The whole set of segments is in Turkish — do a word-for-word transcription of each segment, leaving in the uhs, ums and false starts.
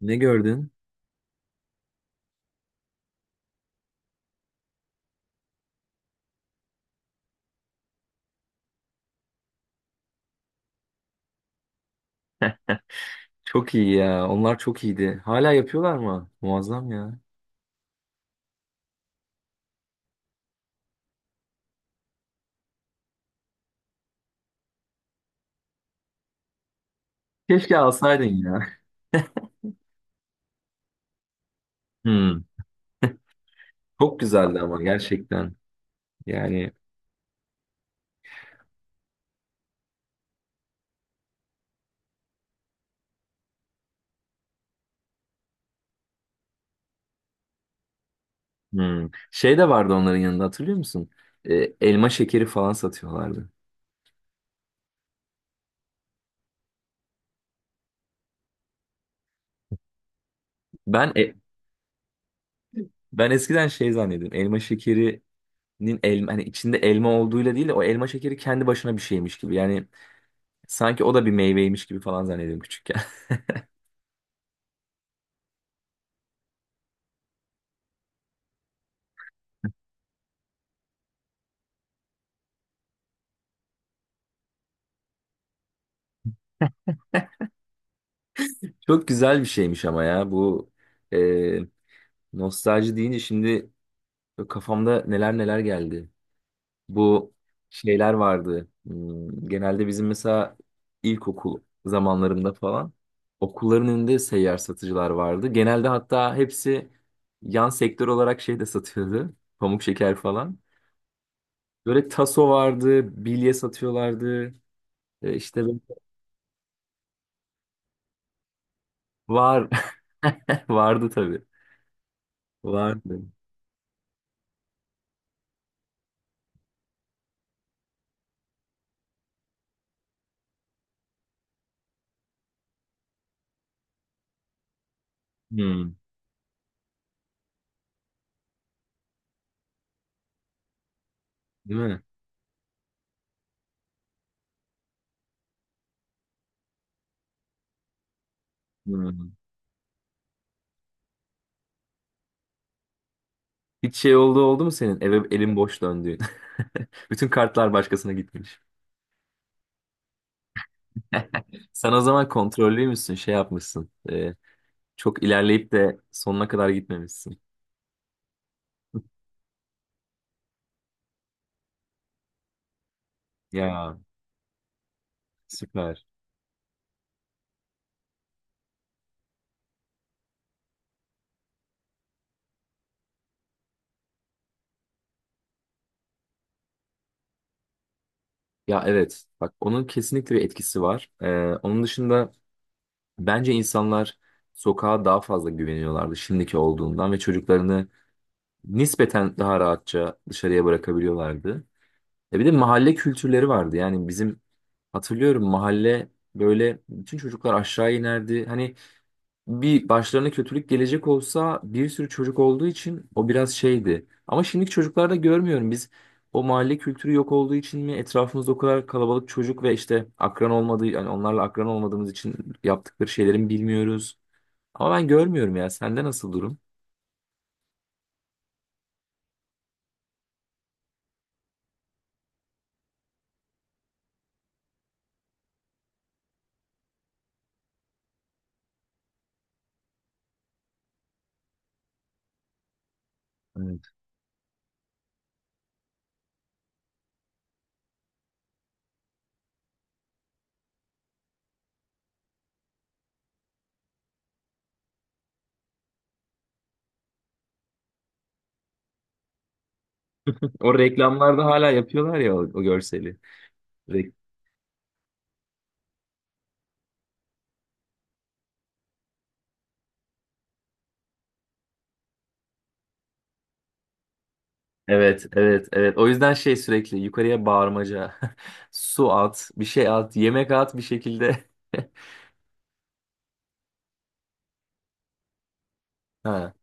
Ne gördün? Çok iyi ya. Onlar çok iyiydi. Hala yapıyorlar mı? Muazzam ya. Keşke alsaydın ya. Hmm. Çok güzeldi ama gerçekten. Yani. Hmm. Şey de vardı onların yanında hatırlıyor musun? Ee, Elma şekeri falan satıyorlardı. Ben e- ben eskiden şey zannediyordum. Elma şekerinin elma hani içinde elma olduğuyla değil de o elma şekeri kendi başına bir şeymiş gibi. Yani sanki o da bir meyveymiş gibi falan zannediyordum küçükken. Çok güzel bir şeymiş ama ya bu e, nostalji deyince şimdi böyle kafamda neler neler geldi. Bu şeyler vardı. Hmm. Genelde bizim mesela ilkokul zamanlarında falan okulların önünde seyyar satıcılar vardı. Genelde hatta hepsi yan sektör olarak şey de satıyordu. Pamuk şeker falan. Böyle taso vardı, bilye satıyorlardı. E, İşte böyle- Var. Vardı tabii. Vardı. Hmm. Değil mi? Hmm. Hiç şey oldu oldu mu senin? Eve elin boş döndüğün. Bütün kartlar başkasına gitmiş. Sen o zaman kontrollü müsün? Şey yapmışsın. E, çok ilerleyip de sonuna kadar gitmemişsin. Ya, süper. Ya, evet. Bak onun kesinlikle bir etkisi var. E, onun dışında bence insanlar sokağa daha fazla güveniyorlardı şimdiki olduğundan ve çocuklarını nispeten daha rahatça dışarıya bırakabiliyorlardı. E bir de mahalle kültürleri vardı. Yani bizim hatırlıyorum mahalle böyle bütün çocuklar aşağı inerdi. Hani bir başlarına kötülük gelecek olsa bir sürü çocuk olduğu için o biraz şeydi. Ama şimdiki çocuklarda görmüyorum biz o mahalle kültürü yok olduğu için mi etrafımızda o kadar kalabalık çocuk ve işte akran olmadığı yani onlarla akran olmadığımız için yaptıkları şeylerin bilmiyoruz. Ama ben görmüyorum ya. Sende nasıl durum? Evet. O reklamlarda hala yapıyorlar ya o, o görseli. Re- Evet, evet, evet. O yüzden şey sürekli yukarıya bağırmaca. Su at, bir şey at, yemek at bir şekilde. Ha.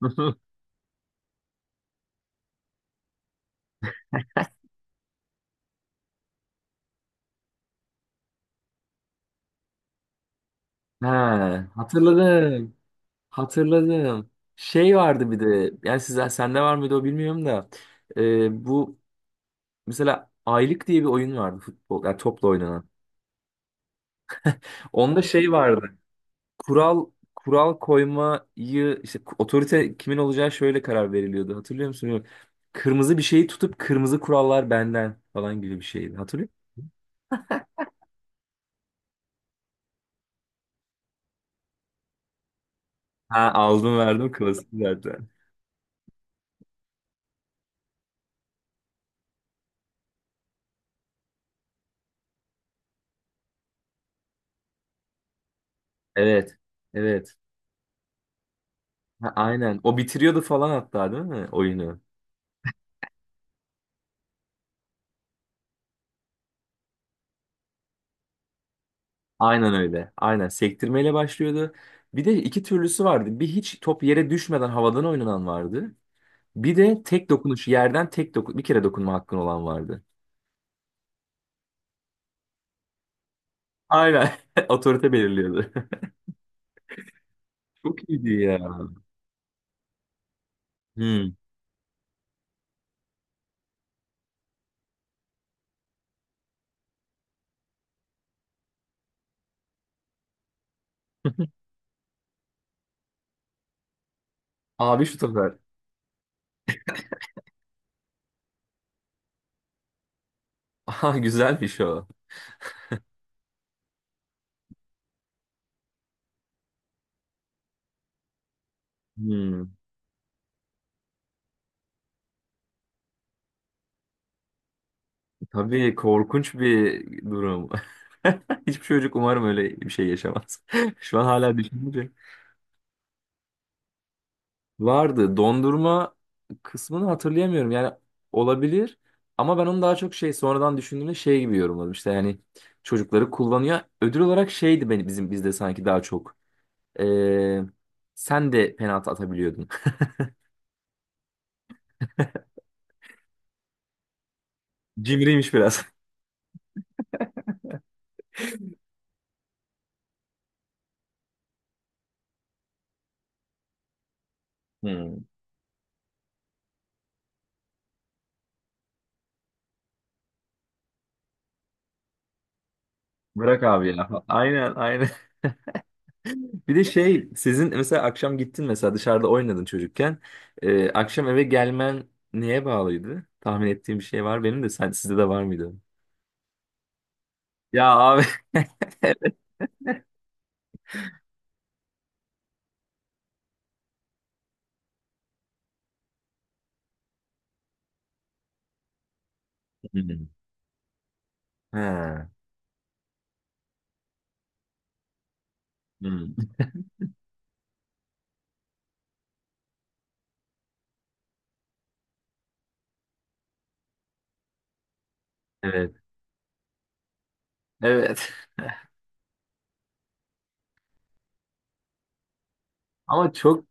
He, hatırladım. Hatırladım. Şey vardı bir de. Yani sizden sende var mıydı o bilmiyorum da. Ee, bu mesela Aylık diye bir oyun vardı futbol. Yani topla oynanan. Onda şey vardı. Kural kural koymayı işte otorite kimin olacağı şöyle karar veriliyordu. Hatırlıyor musun? Bilmiyorum. Kırmızı bir şeyi tutup kırmızı kurallar benden falan gibi bir şeydi. Hatırlıyor musun? Ha, aldım verdim klasik zaten. Evet. Evet. Ha, aynen. O bitiriyordu falan hatta değil mi oyunu? Aynen öyle. Aynen sektirmeyle başlıyordu. Bir de iki türlüsü vardı. Bir hiç top yere düşmeden havadan oynanan vardı. Bir de tek dokunuş yerden tek dokun bir kere dokunma hakkın olan vardı. Aynen. Otorite belirliyordu. Çok iyiydi ya. Hmm. Abi şu sefer. Aha güzelmiş o. Hmm. Tabii korkunç bir durum. Hiçbir çocuk umarım öyle bir şey yaşamaz. Şu an hala düşününce. Vardı. Dondurma kısmını hatırlayamıyorum. Yani olabilir ama ben onu daha çok şey sonradan düşündüğümde şey gibi yorumladım. İşte yani çocukları kullanıyor. Ödül olarak şeydi benim bizim bizde sanki daha çok. Ee, Sen de penaltı atabiliyordun. Cimriymiş biraz. Hmm. Bırak abi ya. Aynen, aynen. Bir de şey sizin mesela akşam gittin mesela dışarıda oynadın çocukken. Ee, akşam eve gelmen neye bağlıydı? Tahmin ettiğim bir şey var benim de sen sizde de var mıydı? Ya, abi. Hmm. He. Hmm, evet. Evet. Ama çok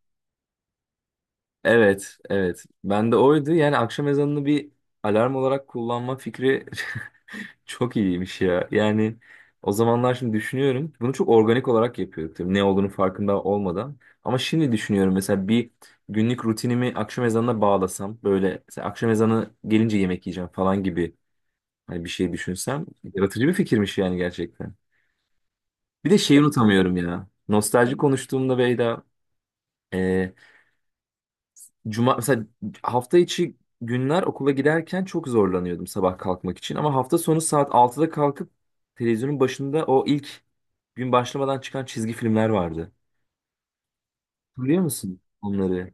evet, evet. Ben de oydu. Yani akşam ezanını bir alarm olarak kullanma fikri çok iyiymiş ya. Yani o zamanlar şimdi düşünüyorum. Bunu çok organik olarak yapıyorduk tabii ne olduğunu farkında olmadan. Ama şimdi düşünüyorum mesela bir günlük rutinimi akşam ezanına bağlasam böyle mesela akşam ezanı gelince yemek yiyeceğim falan gibi hani bir şey düşünsem yaratıcı bir fikirmiş yani gerçekten. Bir de şeyi unutamıyorum ya. Nostalji konuştuğumda Beyda, e, Cuma mesela hafta içi günler okula giderken çok zorlanıyordum sabah kalkmak için ama hafta sonu saat altıda kalkıp televizyonun başında o ilk gün başlamadan çıkan çizgi filmler vardı. Biliyor musun onları?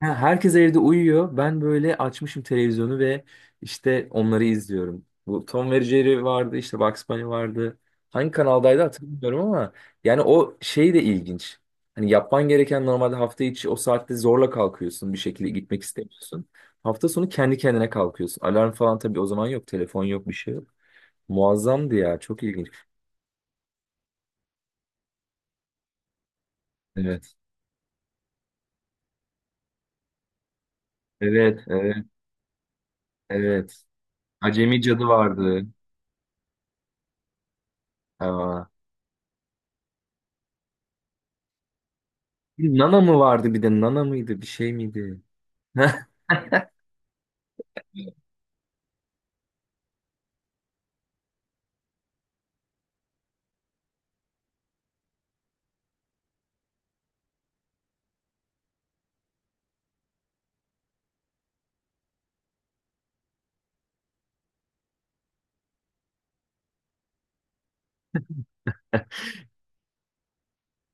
Ha, herkes evde uyuyor. Ben böyle açmışım televizyonu ve işte onları izliyorum. Bu Tom ve Jerry vardı, işte Bugs Bunny vardı. Hangi kanaldaydı hatırlamıyorum ama yani o şey de ilginç. Hani yapman gereken normalde hafta içi o saatte zorla kalkıyorsun bir şekilde gitmek istemiyorsun. Hafta sonu kendi kendine kalkıyorsun. Alarm falan tabii o zaman yok, telefon yok, bir şey yok. Muazzamdı ya, çok ilginç. Evet. Evet, evet, evet. Acemi Cadı vardı. Ha. Bir Nana mı vardı bir de Nana mıydı bir şey miydi?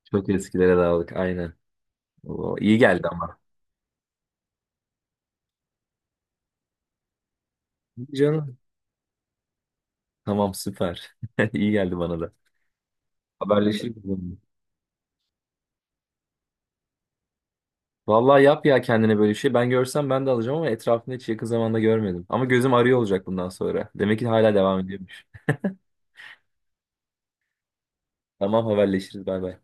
Çok eskilere dağıldık aynen. O iyi geldi ama. İyi canım. Tamam, süper. İyi geldi bana da. Haberleşiriz bununla. Vallahi yap ya kendine böyle bir şey. Ben görsem ben de alacağım ama etrafında hiç yakın zamanda görmedim. Ama gözüm arıyor olacak bundan sonra. Demek ki hala devam ediyormuş. Tamam, haberleşiriz. Bay bay.